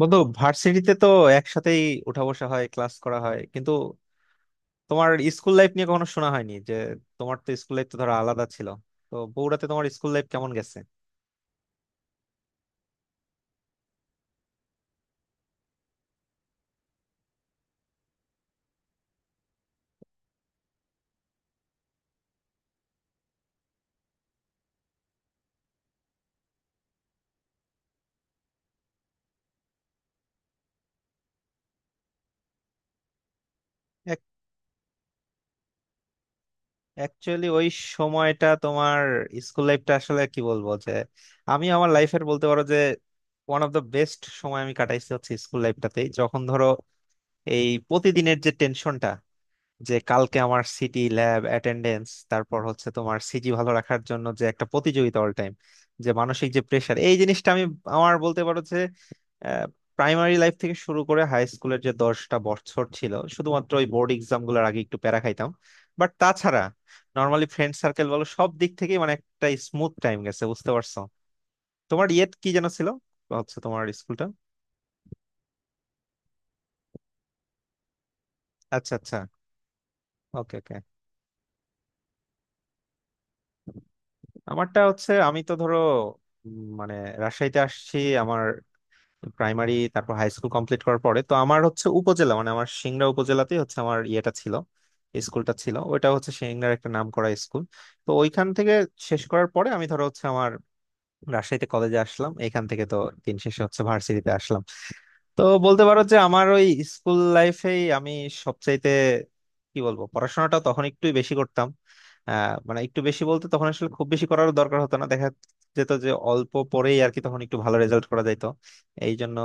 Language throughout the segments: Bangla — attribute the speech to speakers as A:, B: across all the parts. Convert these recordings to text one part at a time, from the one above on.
A: বন্ধু ভার্সিটিতে তো একসাথেই উঠা বসা হয়, ক্লাস করা হয়, কিন্তু তোমার স্কুল লাইফ নিয়ে কখনো শোনা হয়নি। যে তোমার তো স্কুল লাইফ তো ধরো আলাদা ছিল, তো বগুড়াতে তোমার স্কুল লাইফ কেমন গেছে? অ্যাকচুয়ালি ওই সময়টা তোমার স্কুল লাইফটা আসলে কি বলবো, যে আমি আমার লাইফের বলতে পারো যে ওয়ান অফ দ্য বেস্ট সময় আমি কাটাইছি হচ্ছে স্কুল লাইফটাতেই। যখন ধরো এই প্রতিদিনের যে টেনশনটা, যে কালকে আমার সিটি ল্যাব অ্যাটেন্ডেন্স, তারপর হচ্ছে তোমার সিজি ভালো রাখার জন্য যে একটা প্রতিযোগিতা অল টাইম, যে মানসিক যে প্রেশার, এই জিনিসটা আমি আমার বলতে পারো যে প্রাইমারি লাইফ থেকে শুরু করে হাই স্কুলের যে 10টা বছর ছিল, শুধুমাত্র ওই বোর্ড এক্সাম গুলোর আগে একটু প্যারা খাইতাম। বাট তাছাড়া নর্মালি ফ্রেন্ড সার্কেল বলো, সব দিক থেকেই মানে একটা স্মুথ টাইম গেছে, বুঝতে পারছো? তোমার ইয়েট কি যেন ছিল, হচ্ছে তোমার স্কুলটা। আচ্ছা আচ্ছা। ওকে ওকে। আমারটা হচ্ছে আমি তো ধরো, মানে রাজশাহীতে আসছি। আমার প্রাইমারি তারপর হাই স্কুল কমপ্লিট করার পরে তো আমার হচ্ছে উপজেলা, মানে আমার সিংড়া উপজেলাতেই হচ্ছে আমার ইয়েটা ছিল, স্কুলটা ছিল। ওইটা হচ্ছে সিংড়ার একটা নাম করা স্কুল। তো ওইখান থেকে শেষ করার পরে আমি ধরো হচ্ছে আমার রাজশাহীতে কলেজে আসলাম, এখান থেকে তো দিন শেষে হচ্ছে ভার্সিটিতে আসলাম। তো বলতে পারো যে আমার ওই স্কুল লাইফেই আমি সবচাইতে কি বলবো, পড়াশোনাটা তখন একটু বেশি করতাম। মানে একটু বেশি বলতে তখন আসলে খুব বেশি করার দরকার হতো না, দেখা যেত যে অল্প পরেই আর কি তখন একটু ভালো রেজাল্ট করা যাইতো এই জন্য।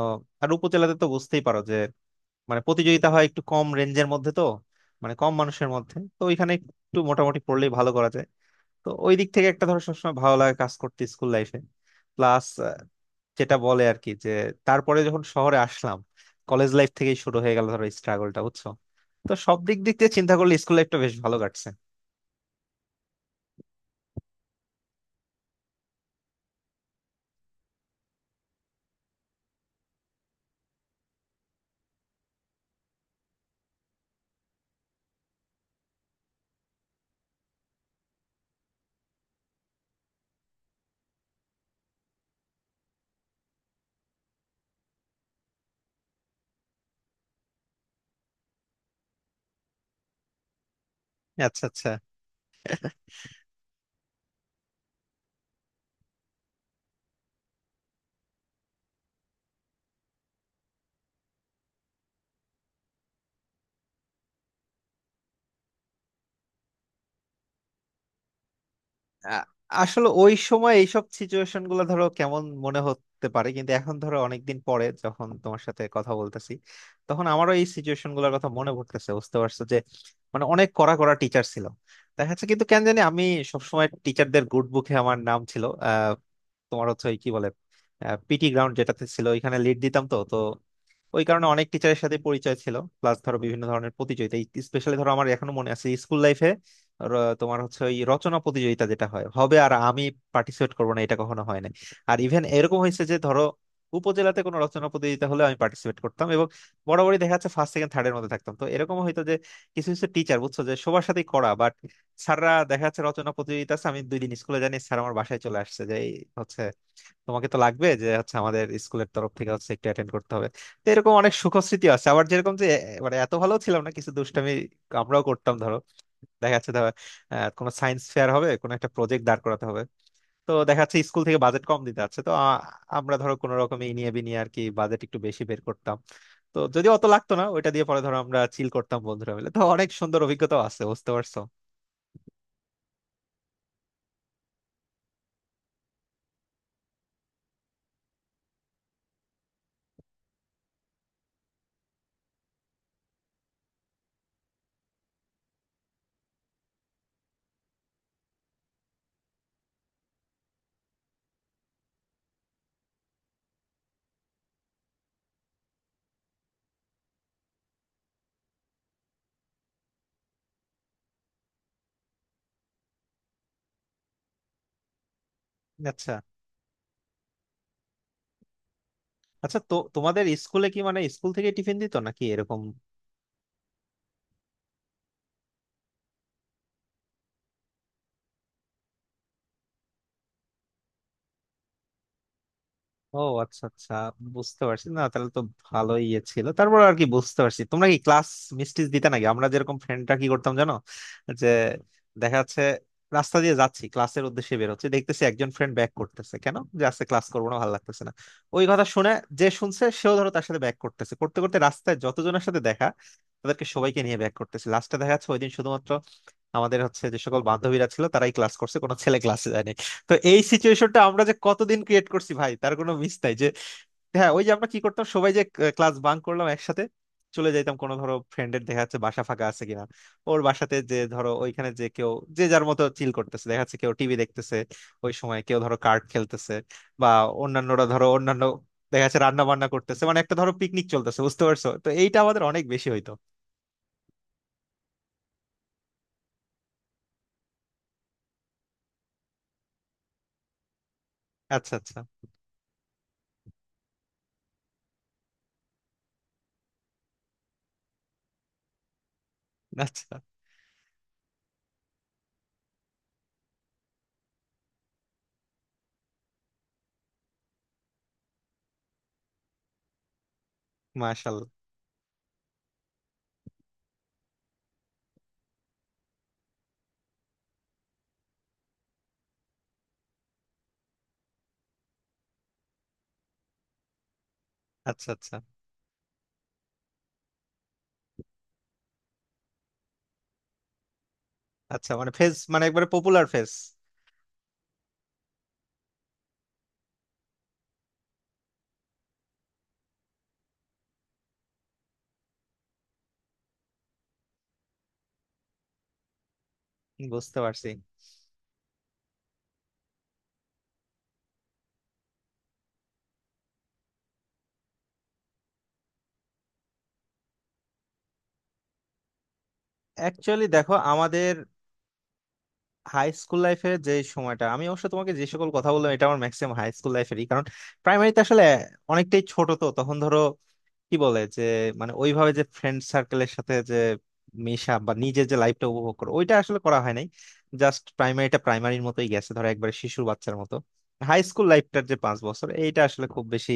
A: আর উপজেলাতে তো বুঝতেই পারো যে মানে প্রতিযোগিতা হয় একটু কম রেঞ্জের মধ্যে তো, মানে কম মানুষের মধ্যে তো ওইখানে একটু মোটামুটি পড়লেই ভালো করা যায়। তো ওই দিক থেকে একটা ধরো সবসময় ভালো লাগা কাজ করতে স্কুল লাইফে। প্লাস যেটা বলে আর কি, যে তারপরে যখন শহরে আসলাম, কলেজ লাইফ থেকেই শুরু হয়ে গেল ধরো স্ট্রাগলটা, বুঝছো? তো সব দিক দিক দিয়ে চিন্তা করলে স্কুল লাইফটা বেশ ভালো কাটছে। আচ্ছা আচ্ছা। আ- আসলে ওই সময় এইসব সিচুয়েশন গুলো ধরো কেমন মনে হতে পারে, কিন্তু এখন ধরো অনেকদিন পরে যখন তোমার সাথে কথা বলতেছি, তখন আমারও এই সিচুয়েশন গুলোর কথা মনে পড়তেছে, বুঝতে পারছো? যে মানে অনেক কড়া কড়া টিচার ছিল দেখা যাচ্ছে, কিন্তু কেন জানি আমি সবসময় টিচারদের গুড বুকে আমার নাম ছিল। তোমার হচ্ছে ওই কি বলে, পিটি গ্রাউন্ড যেটাতে ছিল ওইখানে লিড দিতাম তো, তো ওই কারণে অনেক টিচারের সাথে পরিচয় ছিল। প্লাস ধরো বিভিন্ন ধরনের প্রতিযোগিতা, স্পেশালি ধরো আমার এখনো মনে আছে স্কুল লাইফে, তোমার হচ্ছে ওই রচনা প্রতিযোগিতা যেটা হয়, হবে আর আমি পার্টিসিপেট করবো না, এটা কখনো হয় না। আর ইভেন এরকম হয়েছে যে ধরো উপজেলাতে কোনো রচনা প্রতিযোগিতা হলে আমি পার্টিসিপেট করতাম, এবং বরাবরই দেখা যাচ্ছে ফার্স্ট সেকেন্ড থার্ড এর মধ্যে থাকতাম। তো এরকম হয়তো যে কিছু কিছু টিচার বুঝছো যে সবার সাথেই করা, বাট স্যাররা দেখা যাচ্ছে রচনা প্রতিযোগিতা আছে আমি দুই দিন স্কুলে জানি, স্যার আমার বাসায় চলে আসছে যে এই হচ্ছে তোমাকে তো লাগবে, যে হচ্ছে আমাদের স্কুলের তরফ থেকে হচ্ছে একটু অ্যাটেন্ড করতে হবে। তো এরকম অনেক সুখস্মৃতি আছে। আবার যেরকম যে মানে এত ভালো ছিলাম না, কিছু দুষ্টামি আমরাও করতাম ধরো। দেখা যাচ্ছে ধরো, কোনো সায়েন্স ফেয়ার হবে, কোনো একটা প্রজেক্ট দাঁড় করাতে হবে, তো দেখা যাচ্ছে স্কুল থেকে বাজেট কম দিতে আছে, তো আমরা ধরো কোনো রকমে ইনিয়ে বিনিয়ে আর কি বাজেট একটু বেশি বের করতাম। তো যদি অত লাগতো না, ওইটা দিয়ে পরে ধরো আমরা চিল করতাম বন্ধুরা মিলে। তো অনেক সুন্দর অভিজ্ঞতা আছে, বুঝতে পারছো? আচ্ছা আচ্ছা। তো তোমাদের স্কুলে কি, মানে স্কুল থেকে টিফিন দিত নাকি এরকম? ও, আচ্ছা আচ্ছা। বুঝতে পারছি। না তাহলে তো ভালোই ইয়ে ছিল তারপর আর কি, বুঝতে পারছি। তোমরা কি ক্লাস মিস্টিস দিতে নাকি? আমরা যেরকম ফ্রেন্ডরা কি করতাম জানো, যে দেখা যাচ্ছে রাস্তা দিয়ে যাচ্ছি ক্লাসের উদ্দেশ্যে, বের হচ্ছে দেখতেছি একজন ফ্রেন্ড ব্যাক করতেছে, কেন যে আজকে ক্লাস করবো না, ভালো লাগতেছে না। ওই কথা শুনে যে শুনছে সেও ধরো তার সাথে ব্যাক করতেছে, করতে করতে রাস্তায় যতজনের সাথে দেখা তাদেরকে সবাইকে নিয়ে ব্যাক করতেছে, লাস্টে দেখা যাচ্ছে ওই দিন শুধুমাত্র আমাদের হচ্ছে যে সকল বান্ধবীরা ছিল তারাই ক্লাস করছে, কোনো ছেলে ক্লাসে যায়নি। তো এই সিচুয়েশনটা আমরা যে কতদিন ক্রিয়েট করছি ভাই, তার কোনো মিস নাই যে। হ্যাঁ ওই যে আমরা কি করতাম, সবাই যে ক্লাস বাঙ্ক করলাম একসাথে, চলে যাইতাম কোনো ধরো ফ্রেন্ডের দেখা যাচ্ছে বাসা ফাঁকা আছে কিনা, ওর বাসাতে যে ধরো ওইখানে যে কেউ যে যার মতো চিল করতেছে, দেখা যাচ্ছে কেউ টিভি দেখতেছে ওই সময়, কেউ ধরো কার্ড খেলতেছে, বা অন্যান্যরা ধরো অন্যান্য দেখা যাচ্ছে রান্না বান্না করতেছে, মানে একটা ধরো পিকনিক চলতেছে, বুঝতে পারছো? তো এইটা আমাদের অনেক বেশি হইতো। আচ্ছা আচ্ছা আচ্ছা। মাশাল্লাহ। আচ্ছা আচ্ছা আচ্ছা, মানে ফেস, মানে একবারে পপুলার ফেস। বুঝতে পারছি। অ্যাকচুয়ালি দেখো আমাদের হাই স্কুল লাইফের যে সময়টা, আমি অবশ্য তোমাকে যে সকল কথা বললাম এটা আমার ম্যাক্সিমাম হাই স্কুল লাইফেরই, কারণ প্রাইমারিতে আসলে অনেকটাই ছোট তো, তখন ধরো কি বলে যে মানে ওইভাবে যে ফ্রেন্ড সার্কেলের সাথে যে মেশা বা নিজের যে লাইফটা উপভোগ করো, ওইটা আসলে করা হয় নাই। জাস্ট প্রাইমারিটা প্রাইমারির মতোই গেছে ধরো, একবারে শিশুর বাচ্চার মতো। হাই স্কুল লাইফটার যে 5 বছর, এইটা আসলে খুব বেশি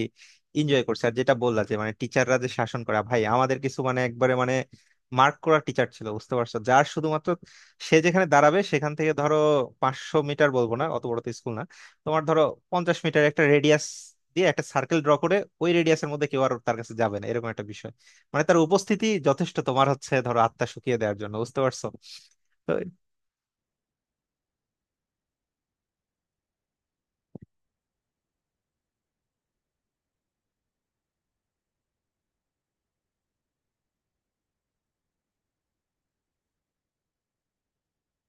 A: এনজয় করছে। আর যেটা বললা যে মানে টিচাররা যে শাসন করা, ভাই আমাদের কিছু মানে একবারে মানে মার্ক করা টিচার ছিল, বুঝতে পারছো, যার শুধুমাত্র সে যেখানে দাঁড়াবে সেখান থেকে ধরো 500 মিটার বলবো না, অত বড় তো স্কুল না, তোমার ধরো 50 মিটার একটা রেডিয়াস দিয়ে একটা সার্কেল ড্র করে ওই রেডিয়াসের মধ্যে কেউ আর তার কাছে যাবে না, এরকম একটা বিষয়। মানে তার উপস্থিতি যথেষ্ট তোমার হচ্ছে ধরো আত্মা শুকিয়ে দেওয়ার জন্য, বুঝতে পারছো? তো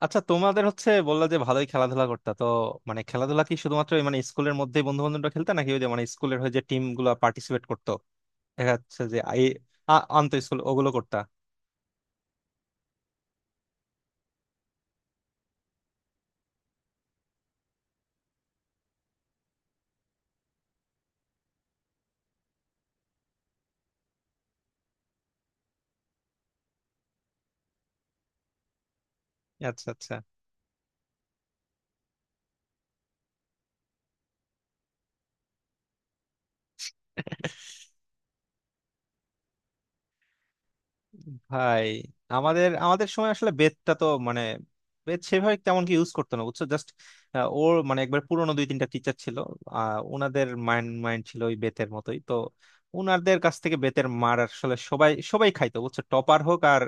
A: আচ্ছা, তোমাদের হচ্ছে বললা যে ভালোই খেলাধুলা করতা তো, মানে খেলাধুলা কি শুধুমাত্র ওই মানে স্কুলের মধ্যেই বন্ধু বান্ধবরা খেলতা, নাকি ওই যে মানে স্কুলের হয়ে যে টিম গুলো পার্টিসিপেট করতো দেখা যাচ্ছে যে আই, আন্ত স্কুল ওগুলো করতা? আচ্ছা আচ্ছা। ভাই আমাদের আমাদের সময় আসলে বেতটা তো মানে, বেত সেভাবে তেমন কি ইউজ করতো না, বুঝছো। জাস্ট ওর মানে একবার পুরনো দুই তিনটা টিচার ছিল, ওনাদের মাইন্ড মাইন্ড ছিল ওই বেতের মতোই তো, ওনাদের কাছ থেকে বেতের মার আসলে সবাই সবাই খাইতো, বুঝছো, টপার হোক আর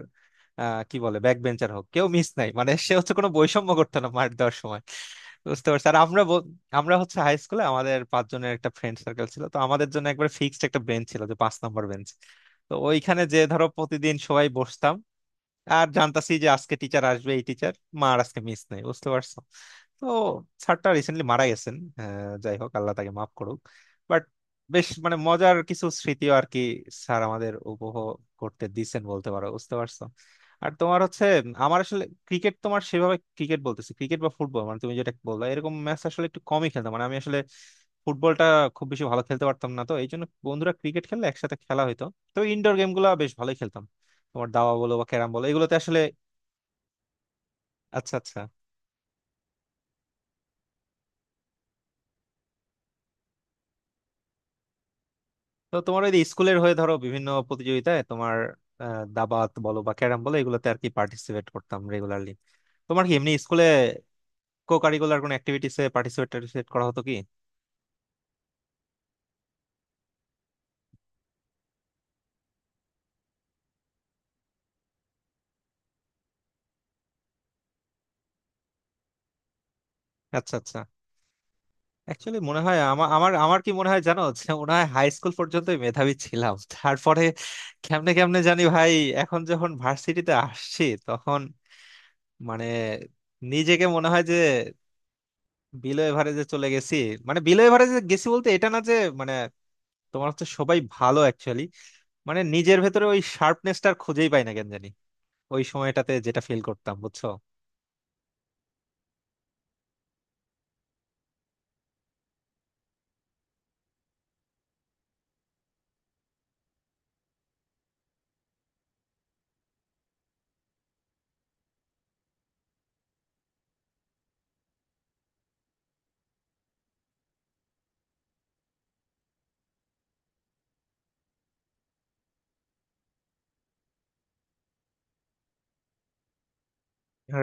A: কি বলে ব্যাক বেঞ্চার হোক, কেউ মিস নাই, মানে সে হচ্ছে কোনো বৈষম্য করতো না মার দেওয়ার সময়। বুঝতে পারছি। আর আমরা হচ্ছে হাই স্কুলে আমাদের পাঁচজনের একটা ফ্রেন্ড সার্কেল ছিল, তো আমাদের জন্য একবার ফিক্সড একটা বেঞ্চ ছিল, যে 5 নম্বর বেঞ্চ। তো ওইখানে যে ধরো প্রতিদিন সবাই বসতাম, আর জানতাছি যে আজকে টিচার আসবে এই টিচার, মা আর আজকে মিস নেই, বুঝতে পারছো। তো স্যারটা রিসেন্টলি মারা গেছেন, যাই হোক আল্লাহ তাকে মাফ করুক। বাট বেশ মানে মজার কিছু স্মৃতিও আর কি, স্যার আমাদের উপভোগ করতে দিছেন বলতে পারো, বুঝতে পারছো। আর তোমার হচ্ছে, আমার আসলে ক্রিকেট, তোমার সেভাবে ক্রিকেট বলতেছি ক্রিকেট বা ফুটবল মানে তুমি যেটা বললা এরকম ম্যাচ আসলে একটু কমই খেলতাম, মানে আমি আসলে ফুটবলটা খুব বেশি ভালো খেলতে পারতাম না, তো এই জন্য বন্ধুরা ক্রিকেট খেললে একসাথে খেলা হইতো। তো ইনডোর গেম গুলা বেশ ভালোই খেলতাম, তোমার দাবা বলো বা ক্যারাম বলো এগুলোতে আসলে। আচ্ছা আচ্ছা। তো তোমার ওই যে স্কুলের হয়ে ধরো বিভিন্ন প্রতিযোগিতায় তোমার, দাবাত বলো বা ক্যারাম বলো এগুলোতে আর কি পার্টিসিপেট করতাম রেগুলারলি। তোমার কি এমনি স্কুলে কো কারিকুলার কোনো অ্যাক্টিভিটিসে পার্টিসিপেট করা হতো কি? আচ্ছা আচ্ছা। অ্যাকচুয়ালি মনে হয় আমার আমার আমার কি মনে হয় জানো যে মনে হয় হাই স্কুল পর্যন্তই মেধাবী ছিলাম, তারপরে কেমনে কেমনে জানি ভাই এখন যখন ভার্সিটিতে আসছি তখন মানে নিজেকে মনে হয় যে বিলো এভারেজে চলে গেছি। মানে বিলো এভারেজে গেছি বলতে এটা না যে মানে তোমার হচ্ছে সবাই ভালো অ্যাকচুয়ালি, মানে নিজের ভেতরে ওই শার্পনেসটা খুঁজেই পাই না কেন জানি, ওই সময়টাতে যেটা ফিল করতাম, বুঝছো।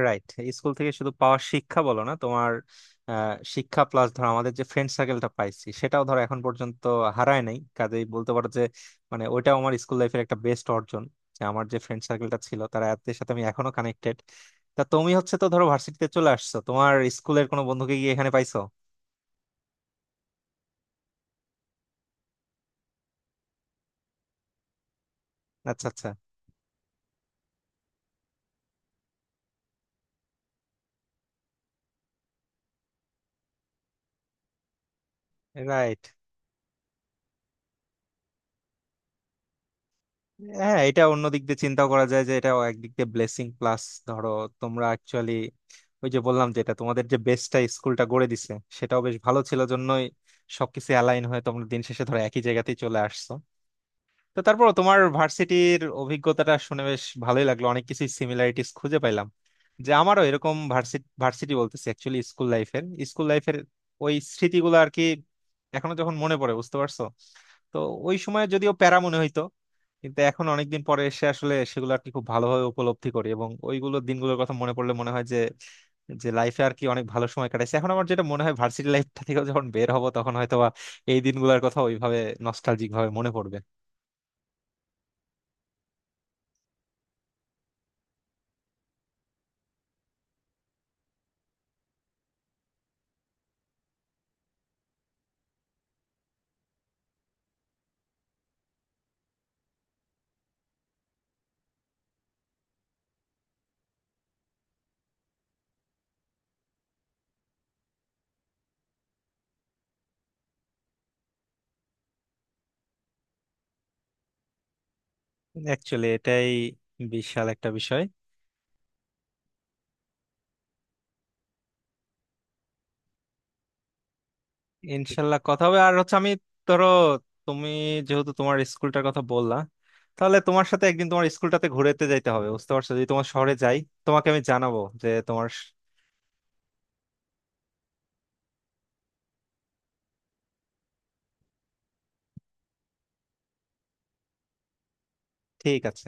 A: রাইট। স্কুল থেকে শুধু পাওয়া শিক্ষা বলো না, তোমার শিক্ষা প্লাস ধরো আমাদের যে ফ্রেন্ড সার্কেলটা পাইছি সেটাও ধরো এখন পর্যন্ত হারায় নাই, কাজেই বলতে পারো যে মানে ওইটাও আমার স্কুল লাইফের একটা বেস্ট অর্জন, যে আমার যে ফ্রেন্ড সার্কেলটা ছিল তারা এদের সাথে আমি এখনো কানেক্টেড। তা তুমি হচ্ছে তো ধরো ভার্সিটিতে চলে আসছো, তোমার স্কুলের কোনো বন্ধুকে গিয়ে এখানে পাইছো? আচ্ছা আচ্ছা। রাইট। হ্যাঁ এটা অন্য দিক দিয়ে চিন্তা করা যায় যে এটাও একদিক দিয়ে ব্লেসিং। প্লাস ধরো তোমরা অ্যাকচুয়ালি ওই যে বললাম যেটা, তোমাদের যে বেসটা স্কুলটা গড়ে দিছে সেটাও বেশ ভালো ছিল জন্যই সবকিছু অ্যালাইন হয়ে তোমরা দিন শেষে ধরো একই জায়গাতেই চলে আসছো। তো তারপর তোমার ভার্সিটির অভিজ্ঞতাটা শুনে বেশ ভালোই লাগলো, অনেক কিছু সিমিলারিটিস খুঁজে পাইলাম, যে আমারও এরকম ভার্সিটি, ভার্সিটি বলতেছি অ্যাকচুয়ালি স্কুল লাইফের, স্কুল লাইফের ওই স্মৃতিগুলো আর কি এখনো যখন মনে পড়ে, বুঝতে পারছো। তো ওই সময় যদিও প্যারা মনে হইতো, কিন্তু এখন অনেকদিন পরে এসে আসলে সেগুলো আর কি খুব ভালোভাবে উপলব্ধি করি, এবং ওইগুলো দিনগুলোর কথা মনে পড়লে মনে হয় যে যে লাইফে আর কি অনেক ভালো সময় কাটাইছে। এখন আমার যেটা মনে হয় ভার্সিটি লাইফটা থেকে যখন বের হবো তখন হয়তো বা এই দিনগুলোর কথা ওইভাবে নস্টালজিক ভাবে মনে পড়বে। অ্যাকচুয়ালি এটাই বিশাল একটা বিষয়। ইনশাল্লাহ কথা হবে। আর হচ্ছে আমি ধরো, তুমি যেহেতু তোমার স্কুলটার কথা বললা, তাহলে তোমার সাথে একদিন তোমার স্কুলটাতে ঘুরেতে যাইতে হবে, বুঝতে পারছো, যদি তোমার শহরে যাই। তোমাকে আমি জানাবো যে তোমার স- ঠিক আছে।